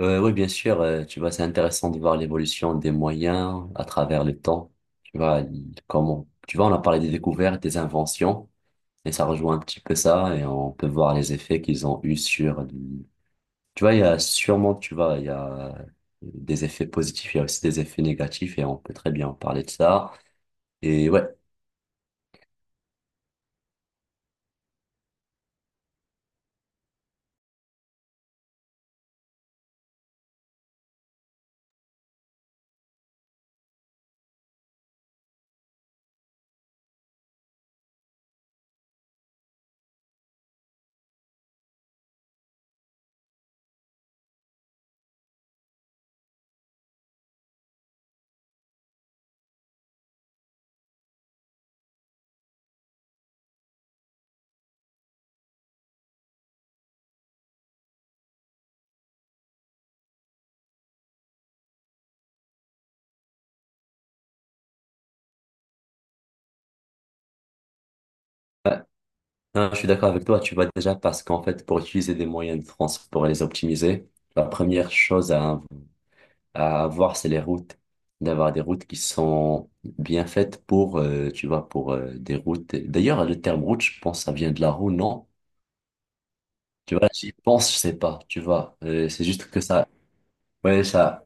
Oui, bien sûr, tu vois, c'est intéressant de voir l'évolution des moyens à travers le temps. Tu vois, comment, tu vois, on a parlé des découvertes, des inventions, et ça rejoint un petit peu ça, et on peut voir les effets qu'ils ont eu tu vois, il y a sûrement, tu vois, il y a des effets positifs, il y a aussi des effets négatifs, et on peut très bien en parler de ça. Et ouais, ouais. Non, je suis d'accord avec toi, tu vois, déjà, parce qu'en fait, pour utiliser des moyens de transport et les optimiser, la première chose à avoir, c'est les routes. D'avoir des routes qui sont bien faites tu vois, pour des routes. D'ailleurs, le terme route, je pense, ça vient de la roue, non? Tu vois, j'y pense, je sais pas, tu vois. C'est juste que ça, ouais, ça,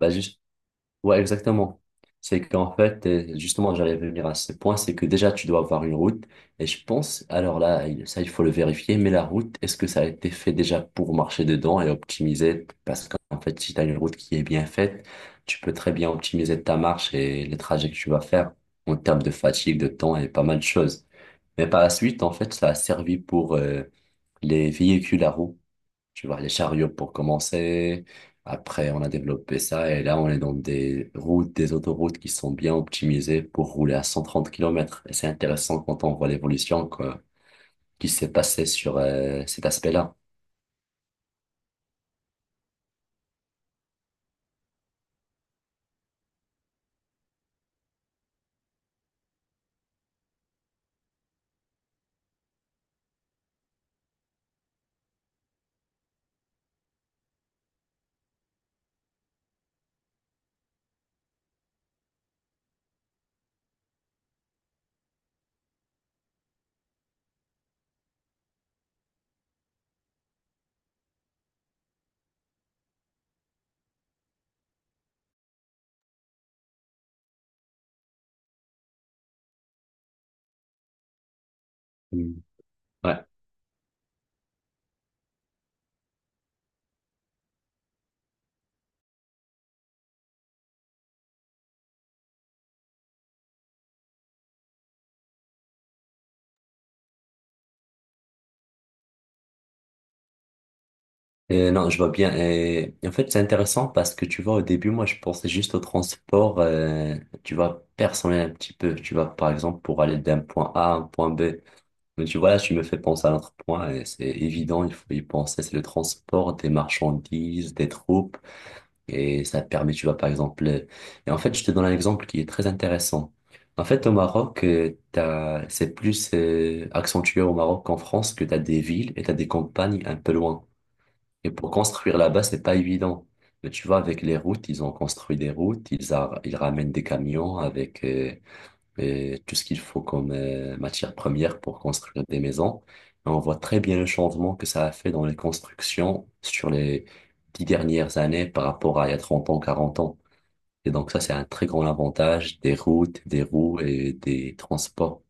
bah, juste. Ouais, exactement. C'est qu'en fait, justement, j'allais venir à ce point, c'est que déjà, tu dois avoir une route. Et je pense, alors là, ça, il faut le vérifier, mais la route, est-ce que ça a été fait déjà pour marcher dedans et optimiser? Parce qu'en fait, si tu as une route qui est bien faite, tu peux très bien optimiser ta marche et les trajets que tu vas faire en termes de fatigue, de temps et pas mal de choses. Mais par la suite, en fait, ça a servi pour les véhicules à roues. Tu vois, les chariots pour commencer. Après, on a développé ça et là, on est dans des routes, des autoroutes qui sont bien optimisées pour rouler à 130 km. Et c'est intéressant quand on voit l'évolution quoi, qui s'est passée sur cet aspect-là. Mm. Ouais. Et non, je vois bien. Et en fait, c'est intéressant parce que tu vois, au début, moi, je pensais juste au transport, tu vois, personnel un petit peu. Tu vois, par exemple, pour aller d'un point A à un point B. Mais tu vois, là, tu me fais penser à un autre point, et c'est évident, il faut y penser, c'est le transport des marchandises, des troupes, et ça te permet, tu vois, par exemple, et en fait, je te donne un exemple qui est très intéressant. En fait, au Maroc, t'as, c'est plus accentué au Maroc qu'en France, que t'as des villes et t'as des campagnes un peu loin. Et pour construire là-bas, c'est pas évident. Mais tu vois, avec les routes, ils ont construit des routes, ils ramènent des camions avec... et tout ce qu'il faut comme matière première pour construire des maisons. Et on voit très bien le changement que ça a fait dans les constructions sur les 10 dernières années par rapport à il y a 30 ans, 40 ans. Et donc ça, c'est un très grand avantage des routes, des roues et des transports.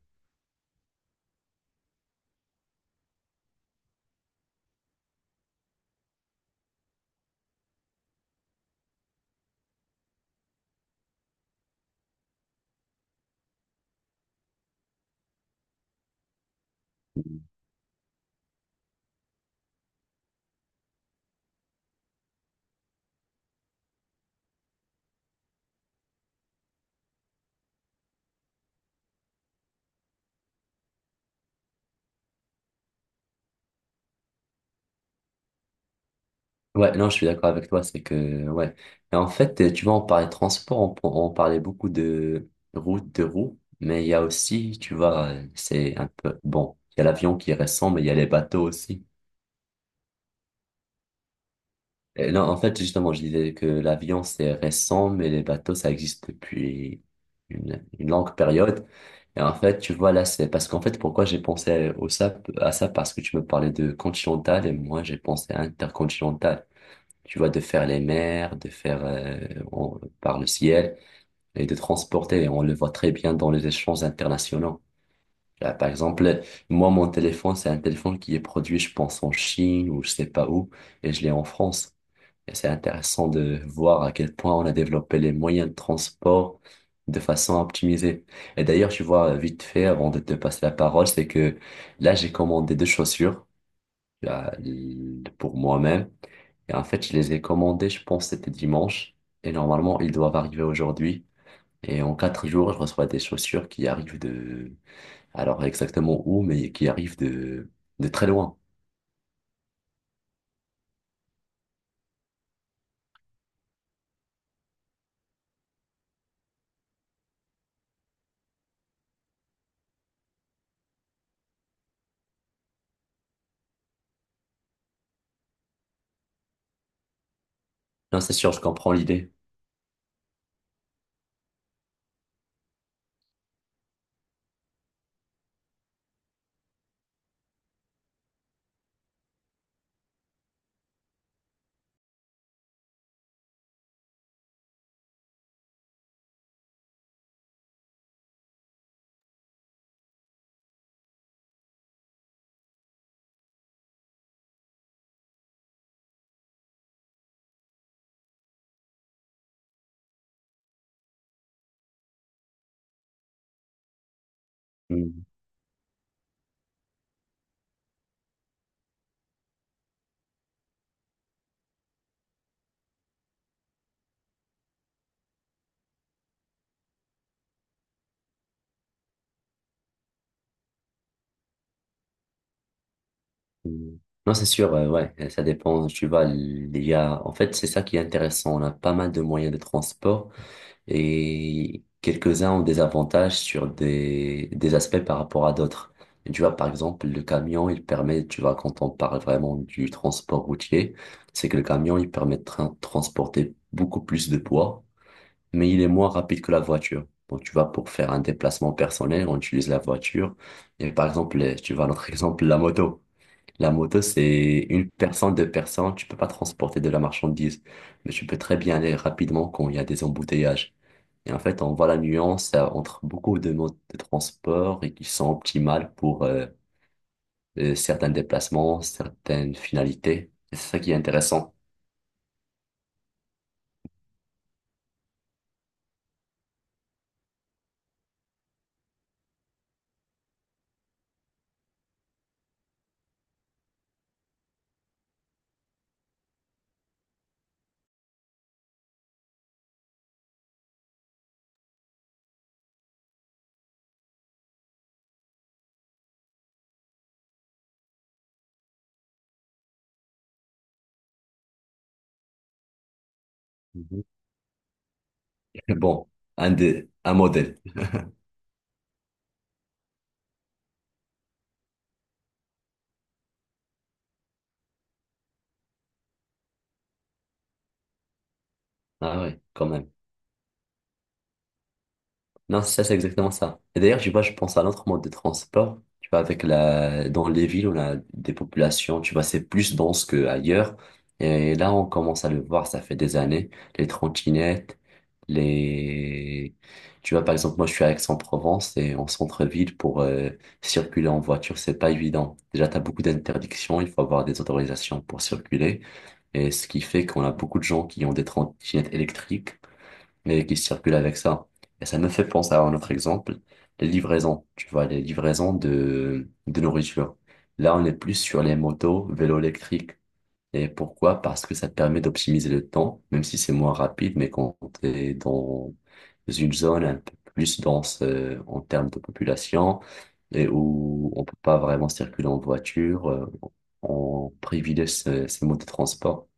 Ouais, non, je suis d'accord avec toi, c'est que, ouais. Et en fait, tu vois, on parlait de transport, on parlait beaucoup de routes, de roues, mais il y a aussi, tu vois, c'est un peu, bon, il y a l'avion qui est récent, mais il y a les bateaux aussi. Non, en fait, justement, je disais que l'avion, c'est récent, mais les bateaux, ça existe depuis une longue période. Et en fait, tu vois, là, c'est parce qu'en fait, pourquoi j'ai pensé au ça, à ça, parce que tu me parlais de continental et moi, j'ai pensé à intercontinental. Tu vois, de faire les mers, de faire par le ciel et de transporter. Et on le voit très bien dans les échanges internationaux. Là, par exemple, moi, mon téléphone, c'est un téléphone qui est produit, je pense, en Chine ou je sais pas où, et je l'ai en France. Et c'est intéressant de voir à quel point on a développé les moyens de transport de façon à optimiser. Et d'ailleurs, tu vois, vite fait, avant de te passer la parole, c'est que là, j'ai commandé deux chaussures là, pour moi-même. Et en fait, je les ai commandées, je pense, c'était dimanche. Et normalement, ils doivent arriver aujourd'hui. Et en quatre jours, je reçois des chaussures qui arrivent de... Alors exactement où, mais qui arrivent de très loin. Non, c'est sûr, je comprends l'idée. Hmm. Mm. Non, c'est sûr, ouais, ça dépend. Tu vois il y a, en fait, c'est ça qui est intéressant. On a pas mal de moyens de transport et quelques-uns ont des avantages sur des aspects par rapport à d'autres. Et tu vois, par exemple, le camion, il permet, tu vois, quand on parle vraiment du transport routier, c'est que le camion, il permet de transporter beaucoup plus de poids, mais il est moins rapide que la voiture. Donc, tu vois, pour faire un déplacement personnel, on utilise la voiture. Et par exemple, tu vois, notre exemple, la moto. La moto, c'est une personne, deux personnes, tu peux pas transporter de la marchandise, mais tu peux très bien aller rapidement quand il y a des embouteillages. Et en fait, on voit la nuance entre beaucoup de modes de transport et qui sont optimales pour certains déplacements, certaines finalités. Et c'est ça qui est intéressant. Mhm. Bon, un, des, un modèle. Ah ouais, quand même. Non, c'est ça, c'est exactement ça. Et d'ailleurs, tu vois, je pense à l'autre mode de transport. Tu vois, avec la, dans les villes, on a des populations, tu vois, c'est plus dense qu'ailleurs. Et là, on commence à le voir, ça fait des années. Les trottinettes, les, tu vois, par exemple, moi, je suis à Aix-en-Provence et en centre-ville pour circuler en voiture, c'est pas évident. Déjà, t'as beaucoup d'interdictions, il faut avoir des autorisations pour circuler. Et ce qui fait qu'on a beaucoup de gens qui ont des trottinettes électriques mais qui circulent avec ça. Et ça me fait penser à un autre exemple, les livraisons, tu vois, les livraisons de nourriture. Là, on est plus sur les motos, vélos électriques. Et pourquoi? Parce que ça te permet d'optimiser le temps, même si c'est moins rapide, mais quand t'es dans une zone un peu plus dense en termes de population, et où on peut pas vraiment circuler en voiture, on privilégie ces, ces modes de transport.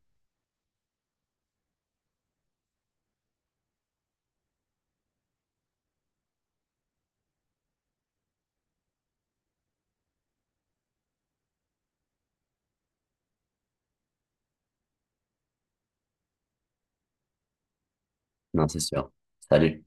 Non, c'est sûr. Salut.